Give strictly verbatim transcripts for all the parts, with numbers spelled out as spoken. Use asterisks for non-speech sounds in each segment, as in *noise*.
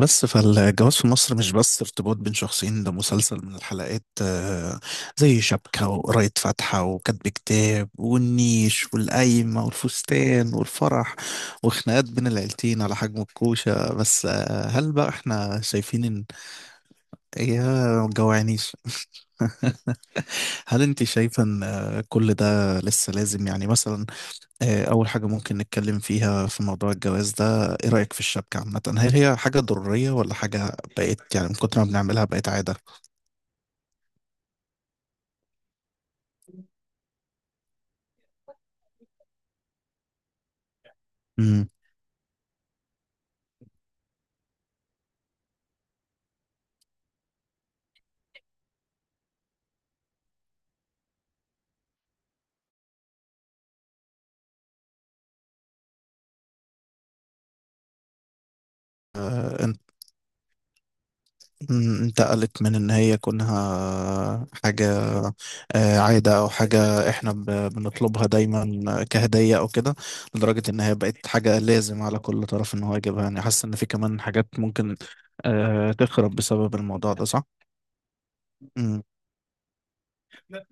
بس فالجواز في مصر مش بس ارتباط بين شخصين، ده مسلسل من الحلقات. آه، زي شبكة وقراية فاتحة وكتب كتاب والنيش والقايمة والفستان والفرح وخناقات بين العيلتين على حجم الكوشة. بس آه، هل بقى احنا شايفين ان، يا جوعنيش! *laughs* هل انت شايفة ان آه، كل ده لسه لازم؟ يعني مثلا آه، أول حاجة ممكن نتكلم فيها في موضوع الجواز ده: إيه رأيك في الشبكة عامة؟ هل هي حاجة ضرورية ولا حاجة بقت يعني من كتر ما بنعملها بقت عادة؟ مم. إن- مم، انتقلت من إن هي كونها حاجة آه، عادة أو حاجة إحنا ب- بنطلبها دايما كهدية أو كده، لدرجة إن هي بقت حاجة لازم على كل طرف إن هو يجيبها. يعني حاسس إن في كمان حاجات ممكن آه، تخرب بسبب الموضوع ده، صح؟ مم.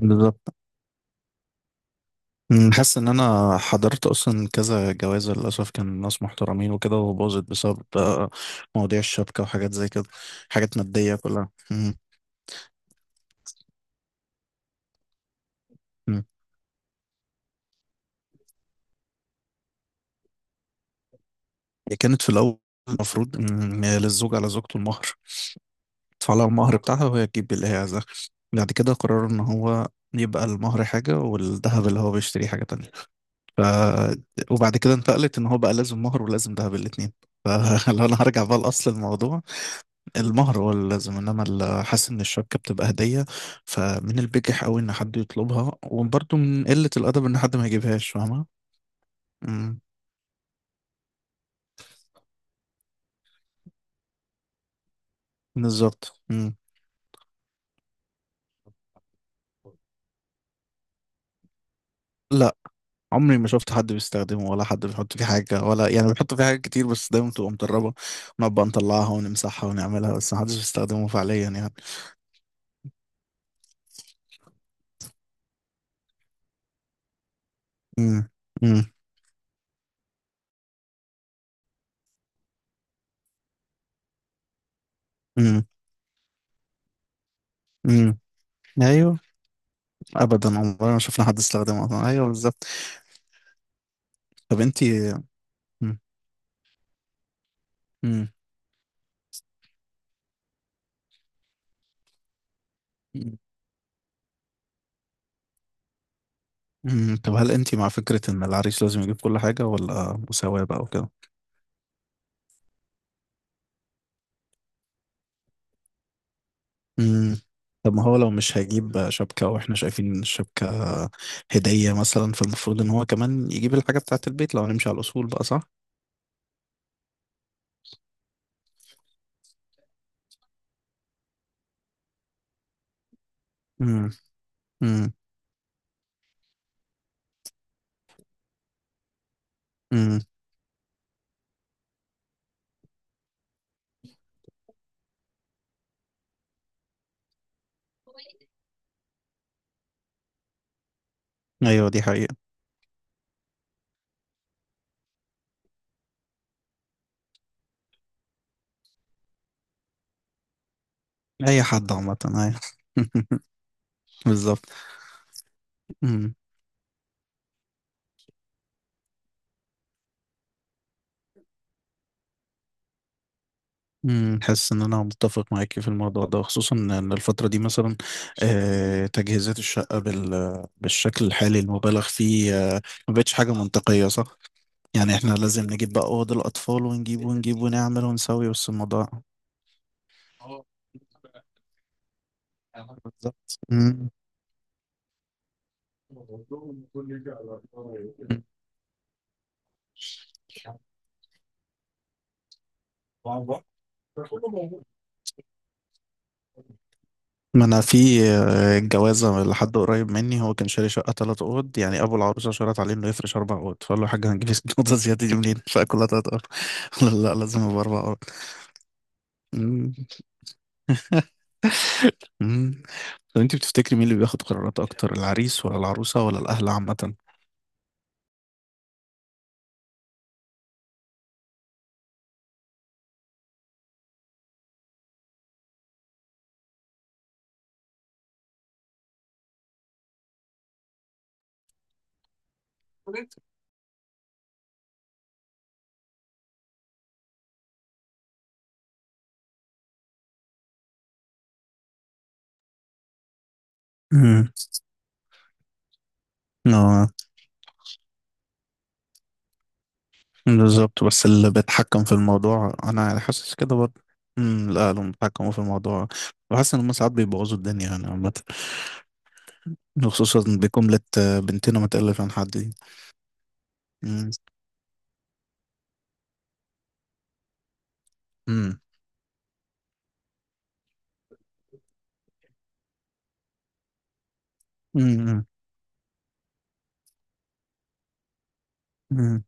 بالظبط. أمم، حاسس ان انا حضرت اصلا كذا جوازة للاسف كان ناس محترمين وكده، وباظت بسبب آه، مواضيع الشبكة وحاجات زي كده. حاجات مادية كلها. أمم، أمم. هي كانت في الاول، المفروض ان للزوج على زوجته المهر، تدفع لها المهر بتاعها وهي تجيب اللي هي عايزاه. بعد كده قرروا ان هو يبقى المهر حاجة، والذهب اللي هو بيشتريه حاجة تانية. ف... وبعد كده انتقلت ان هو بقى لازم مهر ولازم ذهب، الاتنين. فلو *laughs* انا هرجع بقى لاصل الموضوع، المهر هو اللي لازم، انما ال- حاسس ان الشبكه بتبقى هديه. فمن البجح قوي ان حد يطلبها، وبرضه من قله الادب ان حد ما يجيبهاش، فاهمه. امم. بالظبط. امم. لا، عمري ما شفت حد بيستخدمه، ولا حد بيحط فيه حاجه، ولا يعني بيحط فيه حاجات كتير. بس دايما بتبقى متربه، ونبقى نطلعها ونمسحها ونعملها، بس محدش بيستخدمه فعليا يعني. امم. امم. امم. امم. ايوه. ابدا، عمري ما شفنا حد استخدمه اصلا. ايوه، بالظبط. طب انتي. مم. مم. مم. طب هل انت مع فكرة ان العريس لازم يجيب كل حاجة، ولا مساواة بقى وكده؟ مم. طب ما هو لو مش هيجيب شبكة واحنا شايفين ان الشبكة هدية مثلا، فالمفروض ان هو كمان يجيب الحاجة بتاعة البيت لو هنمشي على الاصول بقى، صح؟ مم. مم. مم. ايوه، دي حقيقة. اي حد عامة، ايوه. *laughs* بالظبط. مم. مم. حاسس ان انا متفق معاكي في الموضوع ده، خصوصا ان الفترة دي مثلا آه، تجهيزات الشقة بال... بالشكل الحالي المبالغ فيه آه، ما بقتش حاجة منطقية، صح؟ يعني احنا لازم نجيب بقى اوض الاطفال، ونجيب ونجيب ونعمل ونسوي، بس الموضوع. بالظبط. مم. ما انا في آه، الجوازه لحد قريب مني، هو كان شاري شقه ثلاث اوض، يعني ابو العروسه شرط عليه انه يفرش اربع اوض، فقال له: يا حاج، هنجيب *laughs* اوضه زياده دي منين، فكلها ثلاث اوض. *laughs* لا لا، لازم يبقى اربع اوض. مم. *laughs* مم. طب انت بتفتكري مين اللي بياخد قرارات اكتر، العريس ولا العروسه ولا الاهل عامه؟ امم. اه. بالظبط، بس اللي بيتحكم في الموضوع انا يعني حاسس كده برضه. امم. لا، اللي بيتحكموا في الموضوع، بحس ان هم ساعات بيبوظوا الدنيا يعني عامة، خصوصا بجملة آه، "بنتنا ما تقلش عن حد" دي. امم. امم. امم. امم.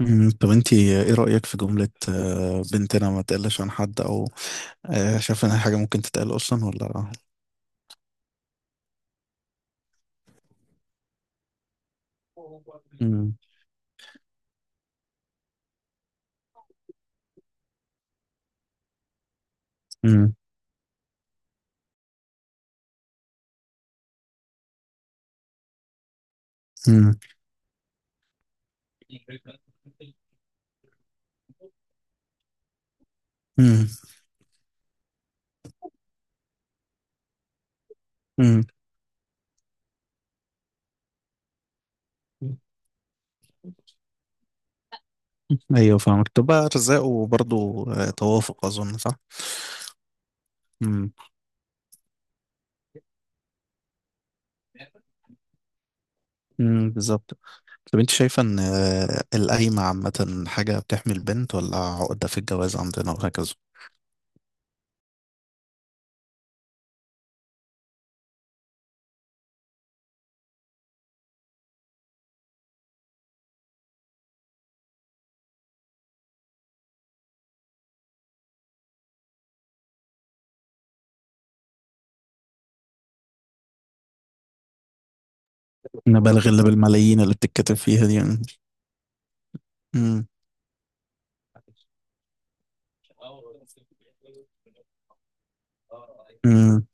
أمم، طب انتي، ايه رأيك في جملة آه، "بنتنا ما تقلش عن حد"، او آه، شايفة انها حاجة ممكن تتقال اصلا ولا؟ امم. امم. امم. امم. امم. ايوه فاهمك، تبقى ارزاق، وبرضه آه، توافق اظن، صح؟ امم. امم. بالظبط. طب انت شايفه ان آه، القايمه عامه حاجه بتحمي البنت، ولا عقده في الجواز عندنا، وهكذا نبالغ اللي بالملايين اللي بتتكتب فيها دي يعني. امم. امم.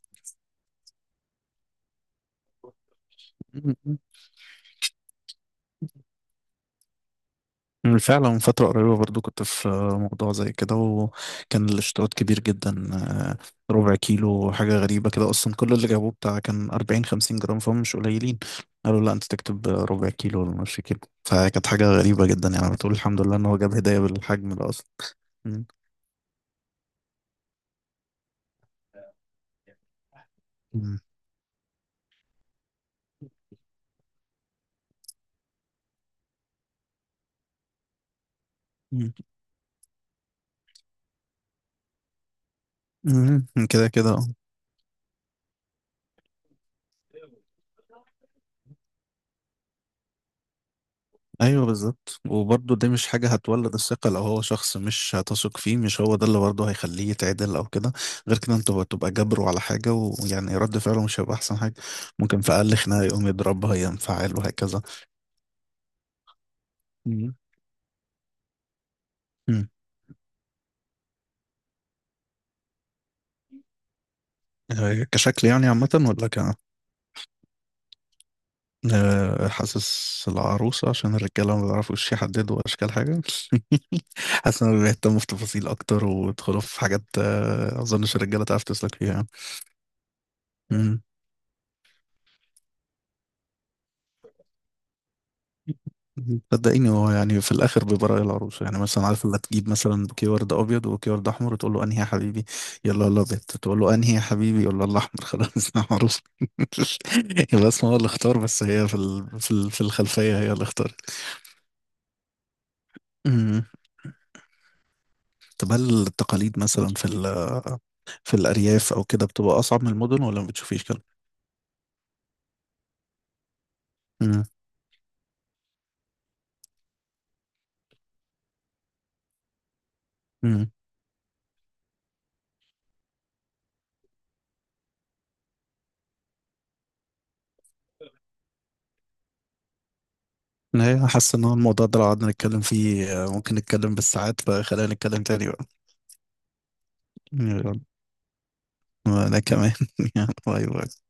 أمم. فعلا من فترة قريبة برضو كنت في موضوع زي كده، وكان الاشتراط كبير جدا. ربع كيلو! حاجة غريبة كده أصلا. كل اللي جابوه بتاع كان أربعين خمسين جرام، فهم مش قليلين. قالوا: لا، أنت تكتب ربع كيلو ولا نص كيلو. فكانت حاجة غريبة جدا، يعني بتقول الحمد لله إن هو جاب هدايا بالحجم ده أصلا. مم. مم. مم. مم. كده كده، أه. أيوه بالظبط، وبرضه دي مش حاجة هتولد الثقة. لو هو شخص مش هتثق فيه، مش هو ده اللي برضه هيخليه يتعدل أو كده؟ غير كده أنت بتبقى جابره على حاجة، ويعني رد فعله مش هيبقى أحسن حاجة. ممكن في أقل خناقة يقوم يضربها، ينفعل، وهكذا. مم. آه، كشكل يعني عامة، ولا ك آه، حاسس العروسة، عشان الرجالة ما بيعرفوش يحددوا أشكال حاجة. *laughs* حاسس إنهم بيهتموا في تفاصيل أكتر، ويدخلوا في حاجات آه، أظنش الرجالة تعرف تسلك فيها يعني. مم. صدقيني، هو يعني في الآخر بيبقى رأي العروسة. يعني مثلا عارف، اللي تجيب مثلا بوكيه ورد أبيض وبوكيه ورد أحمر، وتقول له: أنهي يا حبيبي؟ يلا الأبيض. تقول له: أنهي يا حبيبي؟ يلا الأحمر. خلاص *laughs* أنا عروسة. يبقى اسمه هو اللي اختار، بس هي في ال... في ال... في الخلفية هي اللي اختارت. طب هل التقاليد مثلا في ال في الأرياف أو كده بتبقى أصعب من المدن، ولا ما بتشوفيش كده؟ امم. امم. أنا حاسس إن هو الموضوع ده، لو قعدنا نتكلم فيه آه، ممكن نتكلم بالساعات، فخلينا نتكلم تاني بقى. يلا. وأنا كمان *laughs* يلا، باي باي.